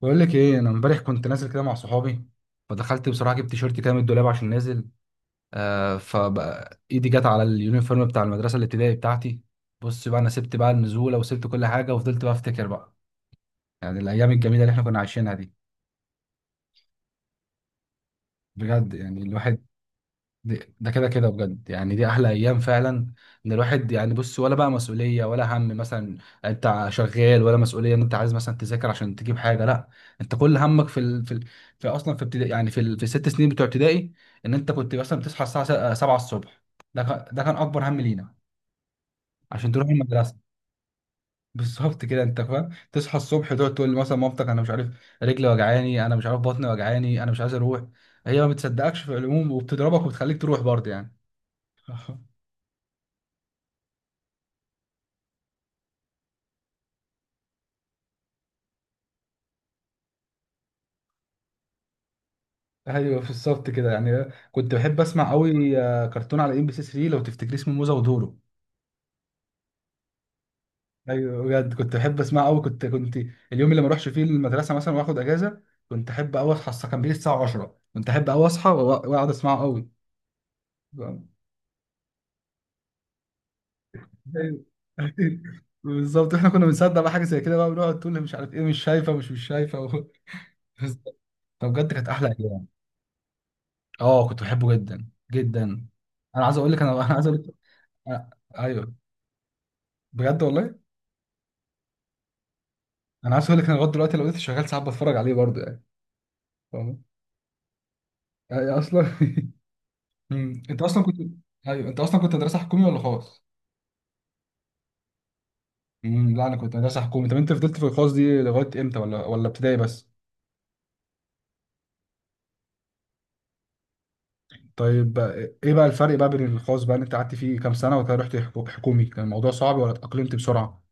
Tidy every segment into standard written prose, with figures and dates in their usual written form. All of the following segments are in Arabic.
بقول لك ايه. انا امبارح كنت نازل كده مع صحابي، فدخلت بصراحه جبت تيشيرت كده من الدولاب عشان نازل. فبقى ايدي جت على اليونيفورم بتاع المدرسه الابتدائي بتاعتي. بص بقى، انا سبت بقى النزوله وسبت كل حاجه وفضلت بقى افتكر بقى يعني الايام الجميله اللي احنا كنا عايشينها دي. بجد يعني الواحد. ده كده كده، بجد يعني دي احلى ايام فعلا. ان الواحد يعني، بص، ولا بقى مسؤوليه ولا هم مثلا. انت شغال، ولا مسؤوليه ان انت عايز مثلا تذاكر عشان تجيب حاجه، لا. انت كل همك في اصلا، في ابتدائي يعني، في الست سنين بتوع ابتدائي، ان انت كنت مثلا بتصحى الساعه 7 الصبح. ده كان اكبر هم لينا، عشان تروح المدرسه. بالظبط كده، انت فاهم، تصحى الصبح تقعد تقول مثلا مامتك انا مش عارف رجلي وجعاني، انا مش عارف بطني وجعاني، انا مش عايز اروح. هي ما بتصدقكش في العموم، وبتضربك وبتخليك تروح برضه يعني. ايوه بالظبط كده يعني. كنت بحب اسمع قوي، كرتون على ام بي سي 3، لو تفتكري اسمه موزه ودورو. ايوه بجد كنت بحب اسمع قوي. كنت كنت اليوم اللي ما اروحش فيه المدرسه مثلا واخد اجازه، كنت احب قوي اصحى الساعه- كان بيجي الساعه 10، كنت احب قوي اصحى واقعد اسمعه قوي. ايوه. بالظبط. احنا كنا بنصدق بقى حاجه زي كده بقى، بنقعد تقول لي مش عارف ايه، مش شايفه، مش شايفه. فبجد كانت احلى ايام. اه كنت بحبه جدا جدا. انا عايز اقول لك أنا- ايوه. بجد والله. انا عايز اقول لك، انا لغايه دلوقتي لو لسه شغال ساعات بتفرج عليه برضه يعني. فاهم؟ يعني اصلا انت اصلا كنت. ايوه انت اصلا كنت مدرسه حكومي ولا خاص؟ لا انا كنت مدرسه حكومي. طب انت فضلت في الخاص دي لغايه امتى، ولا ابتدائي بس؟ طيب بقى. ايه بقى الفرق بقى بين الخاص بقى، اللي انت قعدت فيه كام سنه وكده رحت حكومي؟ كان الموضوع صعب ولا اتاقلمت بسرعه؟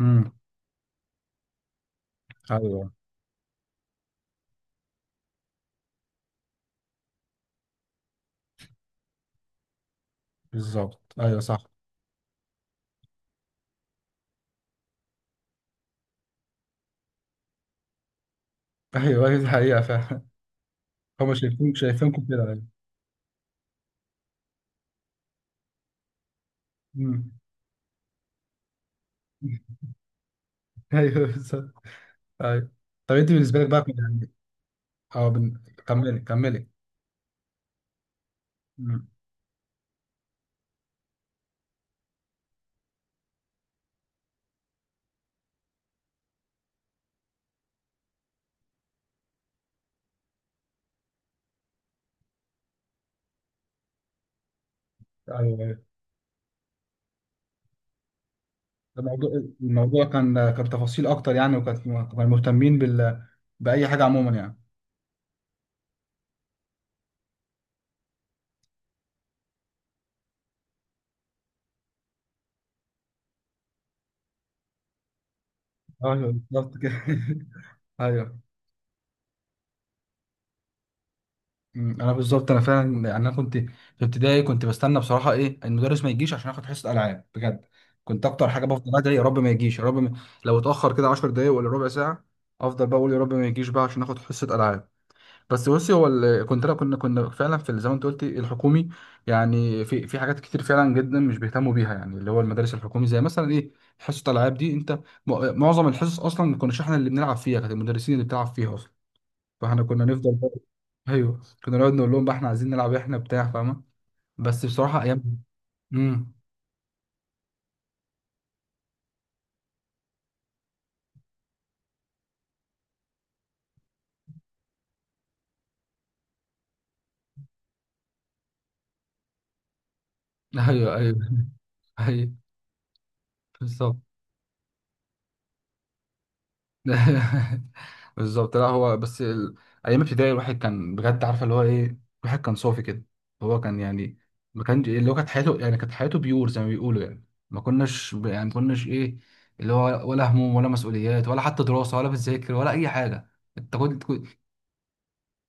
امم ايوه بالظبط. ايوه صح. ايوه، أيوة، دي حقيقه فعلا. هم شايفينكم كده يعني. أمم. ايوه بالظبط. ايوه. طب انت بالنسبه لك بقى. اه، كملي كملي. مم. ايوه ايوه. الموضوع الموضوع كان تفاصيل اكتر يعني، وكان كانوا مهتمين باي حاجه عموما يعني. ايوه بالظبط كده ايوه. مم. انا بالظبط، انا فعلا يعني، انا كنت في ابتدائي كنت بستنى بصراحه ايه المدرس ما يجيش عشان اخد حصه العاب بجد. كنت اكتر حاجه بفضل ادعي، يا رب ما يجيش، يا رب ما... لو اتاخر كده 10 دقايق ولا ربع ساعه، افضل بقى اقول يا رب ما يجيش بقى عشان اخد حصه العاب. بس بصي، كنت، لا، كنا فعلا زي ما انت قلتي، الحكومي يعني، في حاجات كتير فعلا جدا مش بيهتموا بيها يعني، اللي هو المدارس الحكومي، زي مثلا ايه، حصه الالعاب دي انت معظم الحصص اصلا ما كناش احنا اللي بنلعب فيها، كانت المدرسين اللي بتلعب فيها اصلا. فاحنا كنا نفضل بقى. ايوه كنا نقعد نقول لهم بقى احنا عايزين نلعب، احنا بتاع، فاهمه. بس بصراحه ايام... امم. ايوه ايوه ايوه بالظبط. بالظبط. لا هو بس ايام ابتدائي الواحد كان بجد عارفه اللي هو ايه. الواحد كان صافي كده. هو كان يعني، ما كانش اللي هو كانت حياته يعني، كانت حياته بيور زي ما بيقولوا يعني. ما كناش يعني ما كناش ايه، اللي هو ولا هموم ولا مسؤوليات ولا حتى دراسه ولا بتذاكر ولا اي حاجه. انت كنت كنت-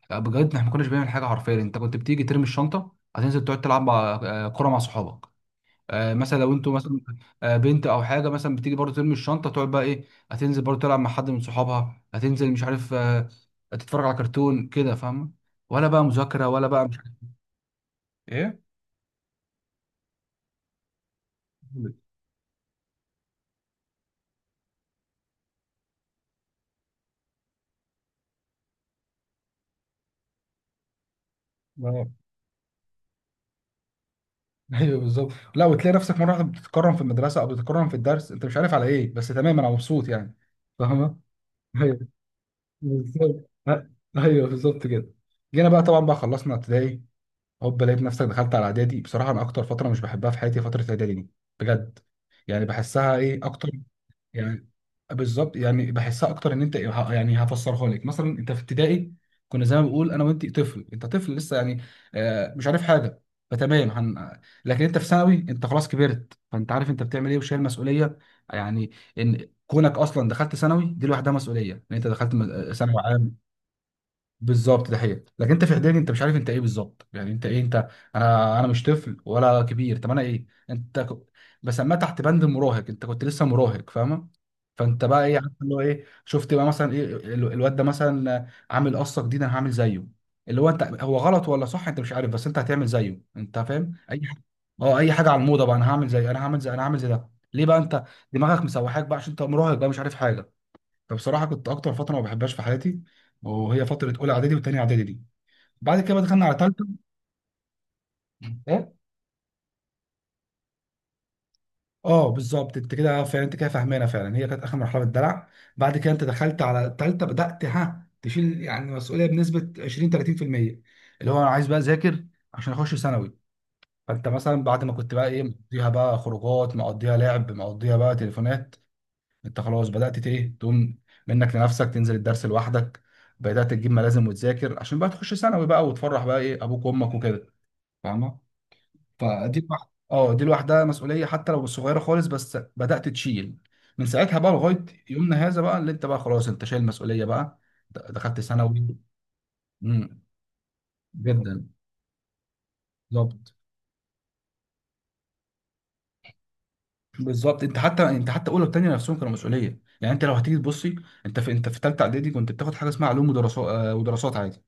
بجد احنا ما كناش بنعمل حاجه حرفيا. انت كنت بتيجي ترمي الشنطه، هتنزل تقعد تلعب مع... كوره مع صحابك. مثلا لو انتوا مثلا. بنت او حاجه مثلا، بتيجي برضه ترمي الشنطه تقعد بقى، ايه، هتنزل برضه تلعب مع حد من صحابها. هتنزل، مش عارف، تتفرج على كرتون كده، فاهمه. ولا بقى مذاكره ولا بقى مش عارف ايه. اه، ايوه بالظبط. لا، وتلاقي نفسك مره واحده بتتكرم في المدرسه او بتتكرم في الدرس، انت مش عارف على ايه، بس تمام انا مبسوط يعني. فاهمه. ايوه بالظبط ايوه بالظبط كده. جينا بقى طبعا، بقى خلصنا ابتدائي. هوب، لقيت نفسك دخلت على اعدادي. بصراحه انا اكتر فتره مش بحبها في حياتي فتره اعدادي دي. بجد. يعني بحسها ايه اكتر يعني. بالظبط، يعني بحسها اكتر ان انت يعني هفسرها لك. مثلا انت في ابتدائي، كنا زي ما بقول، انا وانت طفل، انت طفل لسه يعني، مش عارف حاجه. فتمام لكن انت في ثانوي انت خلاص كبرت، فانت عارف انت بتعمل ايه وشايل مسؤوليه يعني. ان كونك اصلا دخلت ثانوي دي لوحدها مسؤوليه، ان انت دخلت ثانوي عام. بالظبط، ده حقيقة. لكن انت في اعدادي انت مش عارف انت ايه بالظبط، يعني انت ايه انت. انا انا مش طفل ولا كبير، طب انا ايه؟ بسميها تحت بند المراهق. انت كنت لسه مراهق، فاهمه. فانت بقى ايه، عارف اللي هو ايه، شفت بقى مثلا ايه الواد ده مثلا عامل قصه جديده، انا هعمل زيه. اللي هو انت، هو غلط ولا صح انت مش عارف، بس انت هتعمل زيه، انت فاهم اي حاجه. اه، اي حاجه على الموضه بقى، انا هعمل زي، انا هعمل زي، انا هعمل زي ده، ليه بقى؟ انت دماغك مسوحاك بقى عشان انت مراهق بقى، مش عارف حاجه. فبصراحه كنت اكتر فتره ما بحبهاش في حياتي، وهي فتره اولى اعدادي وثانيه اعدادي دي. بعد كده بقى دخلنا على ثالثه. ايه؟ اه بالظبط، انت كده فعلا، انت كده فاهمانه فعلا، هي كانت اخر مرحله في الدلع. بعد كده انت دخلت على ثالثه، بدات ها تشيل يعني مسؤوليه بنسبه 20 30%، اللي هو انا عايز بقى اذاكر عشان اخش ثانوي. فانت مثلا بعد ما كنت بقى، ايه، مقضيها بقى خروجات، مقضيها لعب، مقضيها بقى تليفونات، انت خلاص بدأت ايه، تقوم منك لنفسك تنزل الدرس لوحدك. بدأت تجيب ملازم وتذاكر عشان بقى تخش ثانوي بقى وتفرح بقى ايه ابوك وامك وكده، فاهمه. فدي الواحده، اه، دي لوحدها مسؤوليه حتى لو صغيره خالص، بس بدأت تشيل من ساعتها بقى لغايه يومنا هذا بقى، اللي انت بقى خلاص انت شايل مسؤوليه بقى. دخلت ثانوي. امم. جدا. بالظبط. بالظبط، انت حتى، انت حتى اولى وثانيه نفسهم كانوا مسؤوليه يعني. انت لو هتيجي تبصي، انت في ثالثه اعدادي كنت بتاخد حاجه اسمها علوم ودراسات، ودراسات عادي.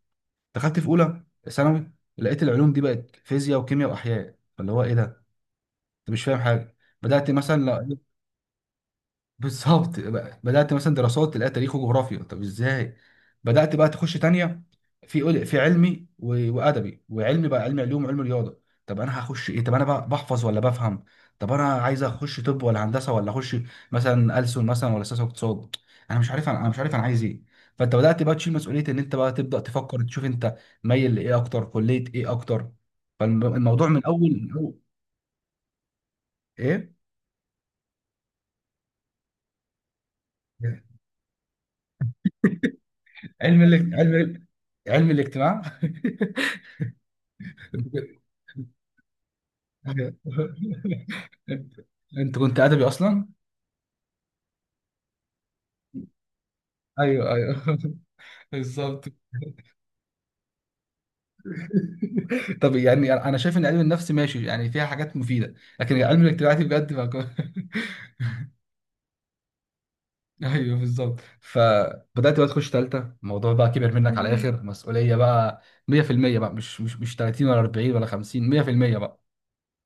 دخلت في اولى ثانوي، لقيت العلوم دي بقت فيزياء وكيمياء واحياء، فاللي هو ايه ده، انت مش فاهم حاجه. بدات مثلا بالظبط بقى، بدأت مثلا دراسات تلاقي تاريخ وجغرافيا، طب ازاي. بدأت بقى تخش تانية، في في علمي وأدبي، وعلمي بقى علمي علوم وعلم رياضة. طب أنا هخش إيه؟ طب أنا بقى بحفظ ولا بفهم؟ طب أنا عايز أخش طب ولا هندسة، ولا أخش مثلا ألسن مثلا، ولا سياسة واقتصاد؟ أنا مش عارف. أنا مش عارف أنا عايز إيه. فأنت بدأت بقى تشيل مسؤولية، إن أنت بقى تبدأ تفكر تشوف أنت مايل لإيه أكتر، كلية إيه أكتر. فالموضوع من أول، من أول. إيه؟ علم علم علم الاجتماع. أيوة. انت كنت ادبي اصلا؟ ايوه ايوه بالظبط. طب يعني انا شايف ان علم النفس ماشي، يعني فيها حاجات مفيده، لكن علم الاجتماعي بجد ما كان- ايوه بالظبط. فبدات بقى تخش ثالثه، الموضوع بقى كبر منك على الاخر مسؤوليه بقى، 100% بقى. مش 30 ولا 40 ولا 50، 100% بقى،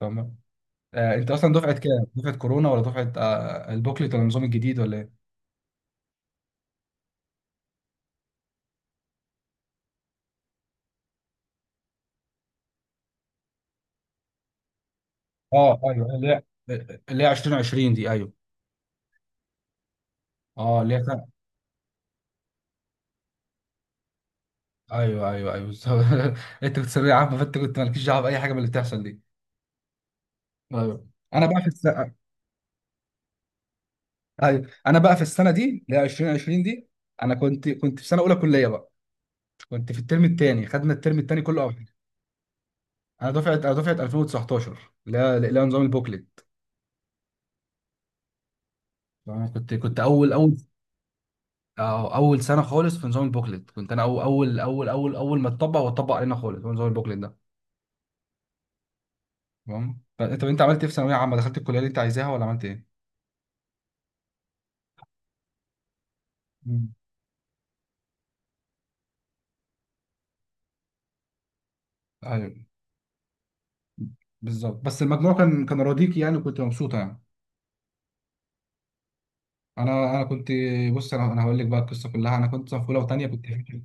فاهم. آه، انت اصلا دفعه كام، دفعه كورونا ولا دفعه البوكلت ولا النظام الجديد ولا ايه؟ اه ايوه، اللي هي 2020 دي، ايوه. اه اللي هي، ايوه ايوه ايوه بالظبط. انت كنت ثانويه عامه، فانت كنت مالكش دعوه باي حاجه من اللي بتحصل دي. ايوه انا بقى في السنه. ايوه انا بقى في السنه دي اللي هي 2020 دي، انا كنت في سنه اولى كليه بقى، كنت في الترم الثاني، خدنا الترم الثاني كله اول حاجه. انا دفعه، 2019 اللي هي، نظام البوكلت، فانا كنت اول اول، اول سنه خالص في نظام البوكلت، كنت انا اول اول اول اول اول ما اتطبق علينا خالص هو نظام البوكلت ده. تمام. فانت، طب انت عملت ايه في ثانويه عامه؟ دخلت الكليه اللي انت عايزاها ولا عملت ايه؟ مم. ايوه بالظبط. بس المجموع كان راضيكي يعني، وكنت مبسوطه يعني. انا كنت. بص، انا هقول لك بقى القصه كلها. انا كنت في اولى وثانيه كنت فاشل.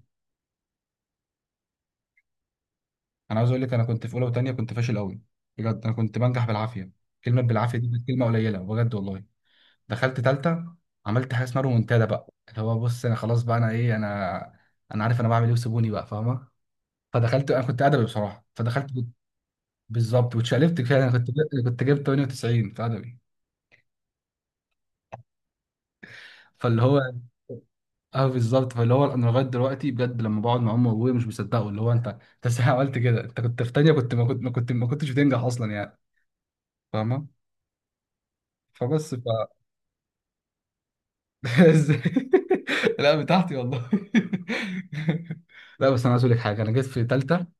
انا عاوز اقول لك، انا كنت في اولى وثانيه كنت فاشل قوي. بجد انا كنت بنجح بالعافيه، كلمه بالعافيه دي كانت كلمه قليله بجد والله. دخلت ثالثه، عملت حاجه اسمها رومونتادا بقى، اللي هو بص انا خلاص بقى، انا ايه انا، انا عارف انا بعمل ايه وسيبوني بقى فاهمه. فدخلت، انا كنت ادبي بصراحه، فدخلت. بالظبط، واتشقلبت كده. انا كنت جبت 98 في ادبي، فاللي هو. اه بالظبط، فاللي هو انا لغايه دلوقتي بجد لما بقعد مع امي وابويا مش بيصدقوا اللي هو، انت انت ازاي عملت كده؟ انت كنت في تانية كنت ما كنت ما كنت ما كنتش بتنجح اصلا يعني، فاهمه. فبس ف. ازاي؟ لا بتاعتي والله. لا بس انا عايز اقول لك حاجه، انا جيت في تالتة.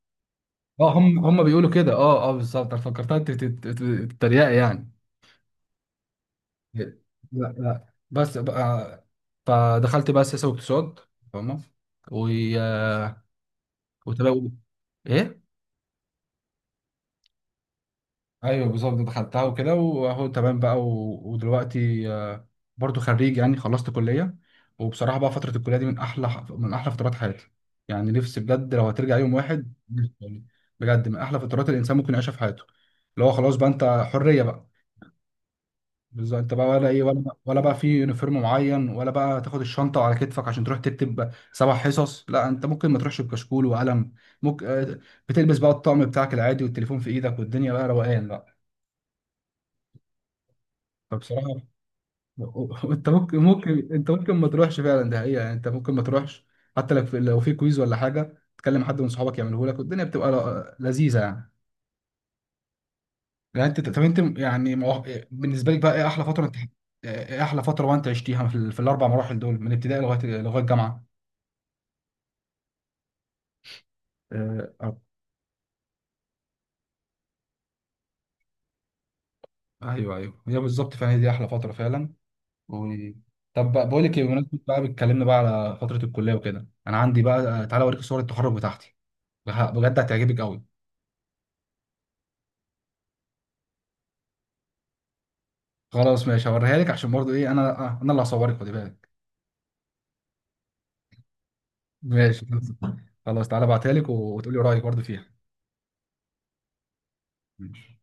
اه، هم بيقولوا كده. اه اه بالظبط، انا فكرتها تريقه يعني. لا. لا بس بقى، فدخلت بقى سياسه واقتصاد، فاهمه. و... وتبقى. ايه؟ ايوه بالظبط، دخلتها وكده، واهو تمام بقى. و... ودلوقتي برضو خريج يعني، خلصت كليه. وبصراحه بقى فتره الكليه دي من احلى، من احلى فترات حياتي يعني. نفسي بجد لو هترجع يوم واحد يعني. بجد من احلى فترات الانسان ممكن يعيشها في حياته، اللي هو خلاص بقى انت حريه بقى. بالظبط، انت بقى ولا ايه، ولا بقى في يونيفورم معين، ولا بقى تاخد الشنطه على كتفك عشان تروح تكتب سبع حصص. لا، انت ممكن ما تروحش بكشكول وقلم. ممكن بتلبس بقى الطقم بتاعك العادي والتليفون في ايدك والدنيا بقى روقان بقى. فبصراحة، انت ممكن، انت ممكن ما تروحش فعلا، ده حقيقة يعني، انت ممكن ما تروحش حتى لو في، كويز ولا حاجة، تكلم حد من صحابك يعمله لك والدنيا بتبقى لذيذة يعني. يعني انت، طب انت يعني بالنسبة لك بقى ايه احلى فترة انت، ايه احلى فترة وانت عشتيها في الاربع مراحل دول من ابتدائي لغاية، الجامعة؟ اه، اه، ايوه ايوه، هي بالظبط فعلا هي دي احلى فترة فعلا. و... طب بقى، بقول لك ايه، بمناسبة بقى بتكلمنا بقى على فترة الكلية وكده، انا عندي بقى، تعالى اوريك صور التخرج بتاعتي. بجد هتعجبك قوي. خلاص ماشي، هوريها لك، عشان برضو ايه، انا انا اللي هصورك، خدي بالك. ماشي. خلاص تعالى ابعتها لك وتقولي رايك برضو فيها. ماشي.